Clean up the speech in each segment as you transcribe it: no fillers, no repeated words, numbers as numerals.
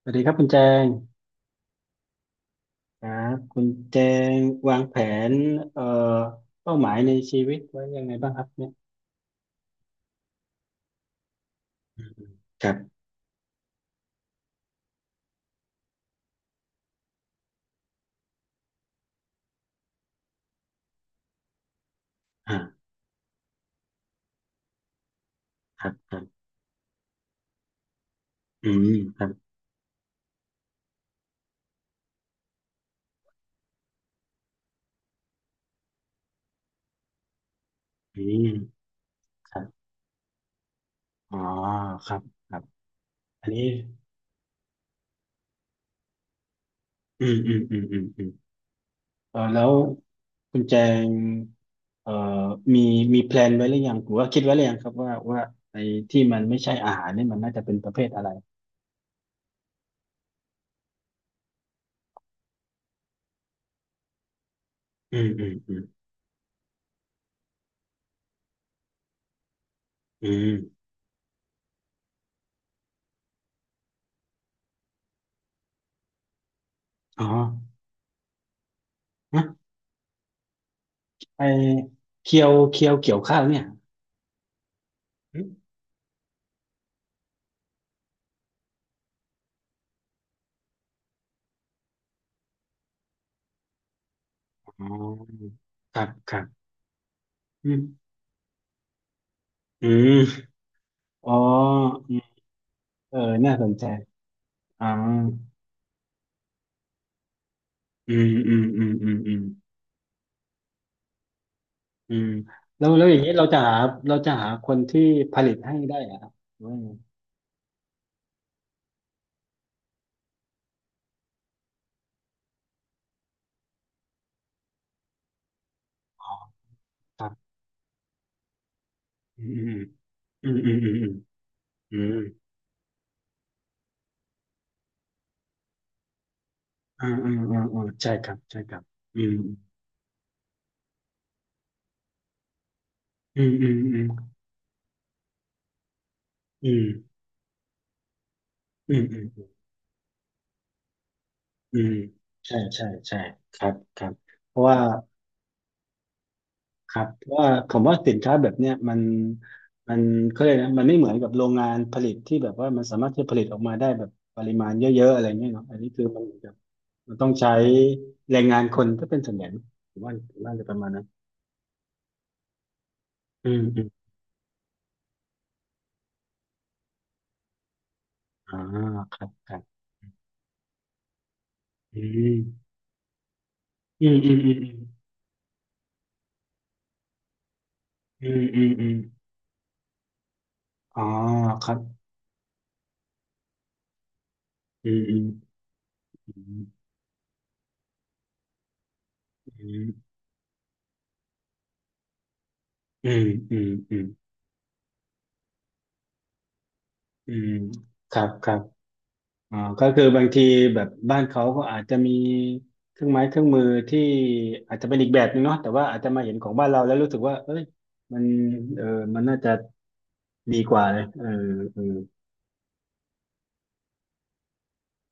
สวัสดีครับคุณแจงครับคุณแจงวางแผนเอ่อเป้าหมายในชีวิตไว้ยังไงบ้างครับเนี่ยอืมครับอ่าครับครับอืมครับอืมครับอ๋อครับครับอันนี้อืมอืมอืมอืมอืมเออแล้วคุณแจงเอ่อมีมีแพลนไว้หรือยังหรือว่าคิดไว้หรือยังครับว่าไอ้ที่มันไม่ใช่อาหารเนี่ยมันน่าจะเป็นประเภทอะไรอืมอืมอืมอืมอ๋อฮะไอเคียวเกี่ยวข้าวเนี่ย อืมอ๋อครับครับอืมอืมอ๋ออืมเออน่าสนใจ อ๋อ อืมอืมอืมอืมอืมอืมแล้วอย่างนี้เราจะหาคนที่ผลิตให้ได้เหรอครับหรือว่าไงอ๋อครับอืมอืมอืมอืมอืมอืมอืมอืมอืมอืมใช่ครับ ใช่ครับอืมอืมอืมอืมอืมอืมอืมอืมใช่ ใช่ใช่ครับครับ เพราะว่า ครับเพราะว่าผมว่าสินค้าแบบเนี้ยมันเขาเรียกนะมันไม่เหมือนกับโรงงานผลิตที่แบบว่ามันสามารถที่จะผลิตออกมาได้แบบปริมาณเยอะๆอะไรเงี้ยเนาะอันนี้คือมันเหมือนกับมันต้องใช้แรงงานคนก็เป็นส่วนใหญ่นะผมว่าจะประมาณนั้นอืมอืมอ่าครับครับอืมอืมอืมอืมอืมอืมอืมอ๋อครับอืมอืมอืมอืมอืมอืมอืมอืมครับครับ อ๋อก็คือบางทีแบบบ้านเขาก็อาจจะมีเครื่องไม้เครื่องมือที่อาจจะเป็นอีกแบบนึงเนาะแต่ว่าอาจจะมาเห็นของบ้านเราแล้วรู้สึกว่าเอ้ยมันเออมันน่าจะดีกว่าเลยเออเออ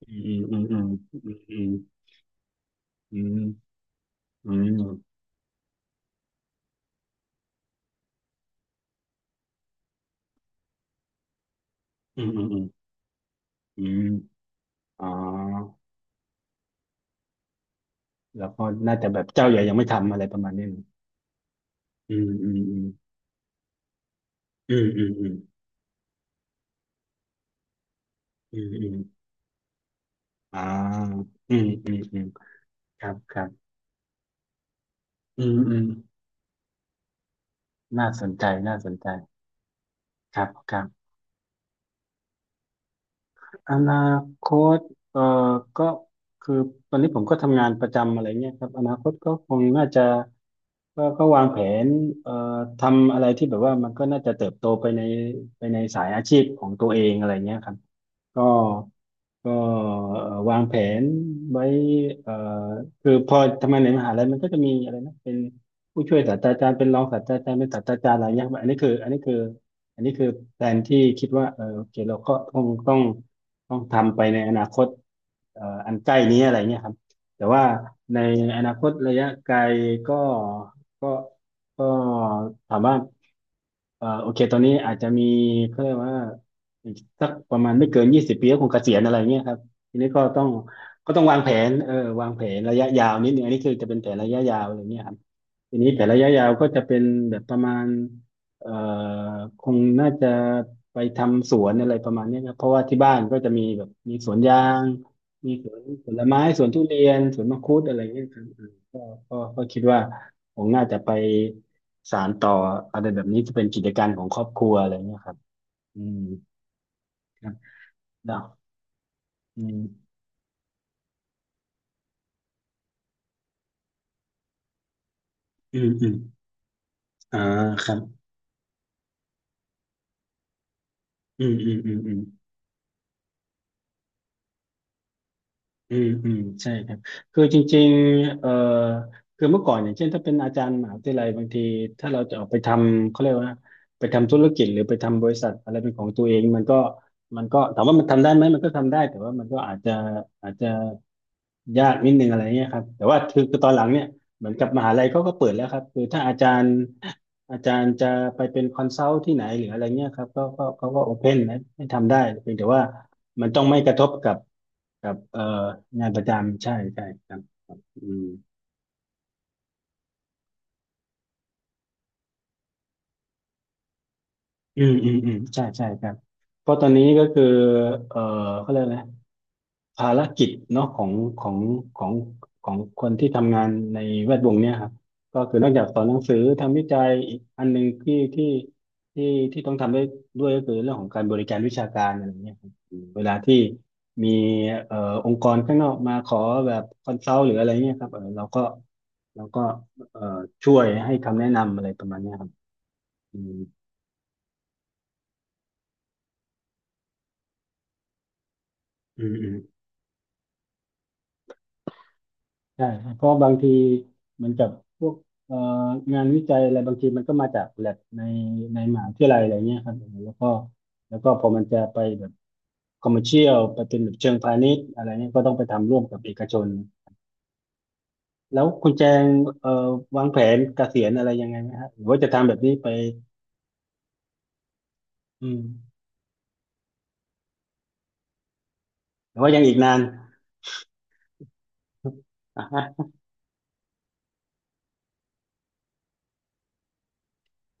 อืมอืมอืมอืมอืมอืมอืมอืมอืมอืมอ๋อแล้วก็น่าจะแบบเจ้าใหญ่ยังไม่ทำอะไรประมาณนี้อืมอืมอืมอืมอืมอืมอืมอืมอ่าอืมอืมอืมครับครับอืมอืมน่าสนใจน่าสนใจ ครับครับอนาคตเอ่อก็คือตอนนี้ผมก็ทำงานประจำอะไรเงี้ยครับอนาคตก็คงน่าจะก็วางแผนเอ่อทำอะไรที่แบบว่ามันก็น่าจะเติบโตไปในสายอาชีพของตัวเองอะไรเงี้ยครับก็ ก็วางแผนไว้เอ่อคือพอทำงานในมหาลัยมันก็จะมีอะไรนะเป็นผู้ช่วยศาสตราจารย์เป็นรองศาสตราจารย์เป็นศาสตราจารย์อะไรเงี้ยับอันนี้คือแผนที่คิดว่าเออโอเคเราก็ต้องทำไปในอนาคตอันใกล้นี้อะไรเงี้ยครับแต่ว่าในอนาคตระยะไกลก็ก็ก็ถามว่าโอเคตอนนี้อาจจะมีเขาเรียกว่า อีกสักประมาณไม่เกิน20 ปีก็คงเกษียณอะไรเงี้ยครับทีนี้ก็ต้องวางแผนเออวางแผนระยะยาวนิดนึงอันนี้คือจะเป็นแผนระยะยาวอะไรเงี้ยครับทีนี้แผนระยะยาวก็จะเป็นแบบประมาณเอ่อคงน่าจะไปทำสวนอะไรประมาณเนี้ยครับเพราะว่าที่บ้านก็จะมีแบบมีสวนยางมีสวนผลไม้สวนทุเรียนสวนมังคุดอะไรเงี้ยครับอืมก็คิดว่าคงน่าจะไปสานต่ออะไรแบบนี้จะเป็นกิจการของครอบครัวอะไรเงี้ยครับอืม เนาะอืมอืมอืมอ่าครับอืมอืมอืมอืม อืมอืมใช่ครับคือจริงๆคือเมื่อก่อนอย่างเช่นถ้าเป็นอาจารย์มหาวิทยาลัยบางทีถ้าเราจะออกไปทำเขาเรียกว่าไปทำธุรกิจหรือไปทำบริษัทอะไรเป็นของตัวเองมันก็ถามว่ามันทำได้ไหมมันก็ทำได้แต่ว่ามันก็อาจจะยากนิดนึงอะไรเงี้ยครับแต่ว่าคือตอนหลังเนี่ยเหมือนกับมหาลัยเขาก็เปิดแล้วครับคือถ้าอาจารย์จะไปเป็นคอนซัลท์ที่ไหนหรืออะไรเงี้ยครับก็เขาก็โอเพนนะให้ทำได้เพียงแต่ว่า มันต้องไม่กระทบกับงานประจำใช่ใช่ครับอืมอืมอืมอืมใช่ใช่ครับเพราะตอนนี้ก็คือเอ่อเขาเรียกอะไรนะ ภารกิจเนาะของของของคนที่ทำงานในแวดวงเนี้ยครับก็คือนอกจากสอนหนังสือทำวิจัยอีกอันหนึ่งที่ที่ต้องทำได้ด้วยก็คือเรื่องของการบริการวิชาการอะไรเงี้ยครับเวลาที่มีเอ่อองค์กรข้างนอกมาขอแบบคอนซัลท์หรืออะไรเงี้ยครับเออเราก็เอ่อช่วยให้คำแนะนำอะไรประมาณเนี้ยครับอืมอืมอืม ใช่ครับเพราะบางทีเหมือนกับพวกเอ่องานวิจัยอะไรบางทีมันก็มาจากแลบในมหาวิทยาลัยอะไรเงี้ยครับแล้วก็แล้วก็พอมันจะไปแบบคอมเมอร์เชียลไปเป็นแบบเชิงพาณิชย์อะไรเงี้ยก็ต้องไปทำร่วมกับเอกชนแล้วคุณแจงเอ่อวางแผนเกษียณอะไรยังไงไหมฮะหรือว่าจะทำแบบนี้ไปอืมหรือว่ายังอีกนานอ่าฮะ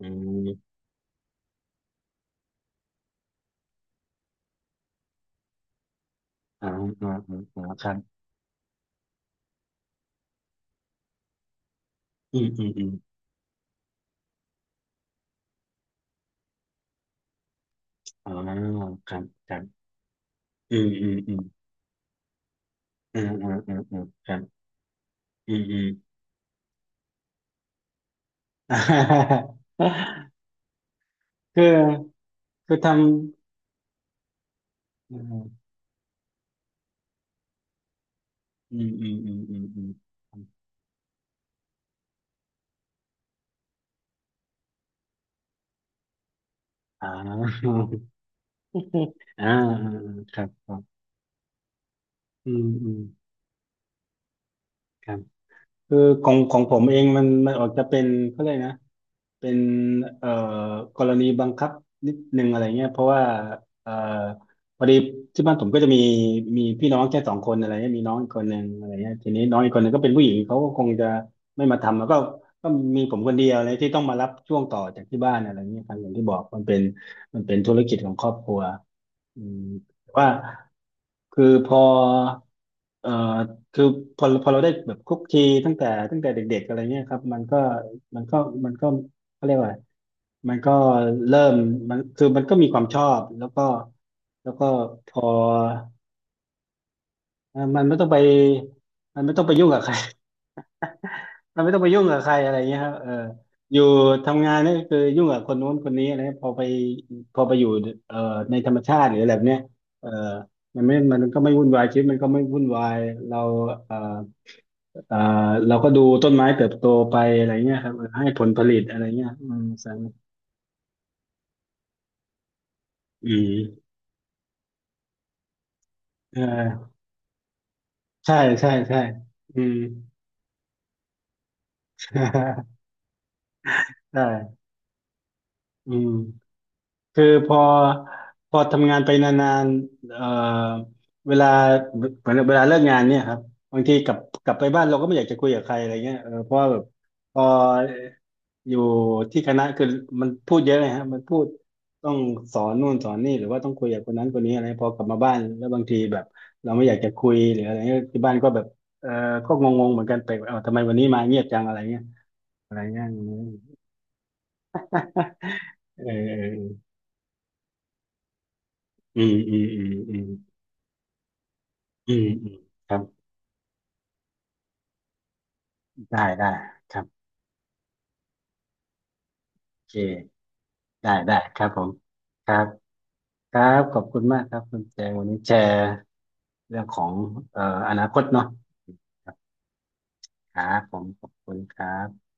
อืมอ่าอ๋าอ่าอ่ครับอืมอืมอืมอ่ครับครับอืมอืมอืมอืมอืมอืมอ่าครับอืมอืม อ่าคือทำอืมอืมอืมอืมอืมอืมอ่า อ่าอ่าอ่าครับครับอืมอืมครับคือของผมเองมันออกจะเป็นเขาเลยกนะ เป็นเอ่อกรณีบังคับนิดนึงอะไรเงี้ยเพราะว่าเอ่อพอดีที่บ้านผมก็จะมีพี่น้องแค่สองคนอะไรเงี้ยมีน้องอีกคนหนึ่งอะไรเงี้ยทีนี้น้องอีกคนหนึ่งก็เป็นผู้หญิงเขาก็คงจะไม่มาทำแล้วก็ก็มีผมคนเดียวเลยที่ต้องมารับช่วงต่อจากที่บ้านอะไรเงี้ยครับอย่างที่บอกมันเป็นธุรกิจของครอบครัวอืมแต่ว่า คือพอเอ่อคือพอเราได้แบบคุกคีตั้งแต่เด็กๆอะไรเงี้ยครับมันก็มันก็เขาเรียกว่าอะไรมันก็เริ่มมันคือมันก็มีความชอบแล้วก็พอเอ่อมันไม่ต้องไปมันไม่ต้องไปยุ่งกับใคร มันไม่ต้องไปยุ่งกับใครอะไรเงี้ยครับเอออยู่ทำงานนี่คือยุ่งกับคนนู้นคนนี้อะไรเงี้ยพอไปอยู่เอ่อในธรรมชาติหรืออะไรแบบเนี้ยเออมันไม่มันก็ไม่วุ่นวายชีวิตมันก็ไม่วุ่นวายเราเอ่อ เอ่อเราก็ดูต้นไม้เติบโตไปอะไรเงี้ยครับเออให้ผลผลิตอะไรเงี้ยอืมสามอืมเออใช่ใช่ใช่อืม ใช่อืม คือพอทำงานไปนานๆเวลาเหมือนเวลาเลิกงานเนี่ยครับบางทีกลับไปบ้านเราก็ไม่อยากจะคุยกับใครอะไรเงี้ยเออเพราะว่าแบบพออยู่ที่คณะคือมันพูดเยอะเลยฮะมันพูดต้องสอนนู่นสอนนี่หรือว่าต้องคุยกับคนนั้นคนนี้อะไรพอกลับมาบ้านแล้วบางทีแบบเราไม่อยากจะคุยหรืออะไรเงี้ยที่บ้านก็แบบเออก็งงๆเหมือนกันไปลกเออทำไมวันนี้มาเงียบจังอะไรเงี้ยอะไรเงี้ย เออเออเอออืมอืมอืมอืม อืมอืมครับได้ได้ครับโอเคได้ได้ครับผมครับครับขอบคุณมากครับคุณแจงวันนี้แชร์เรื่องของเอ่ออนาคตเนาะครับผมขอบคุณครับ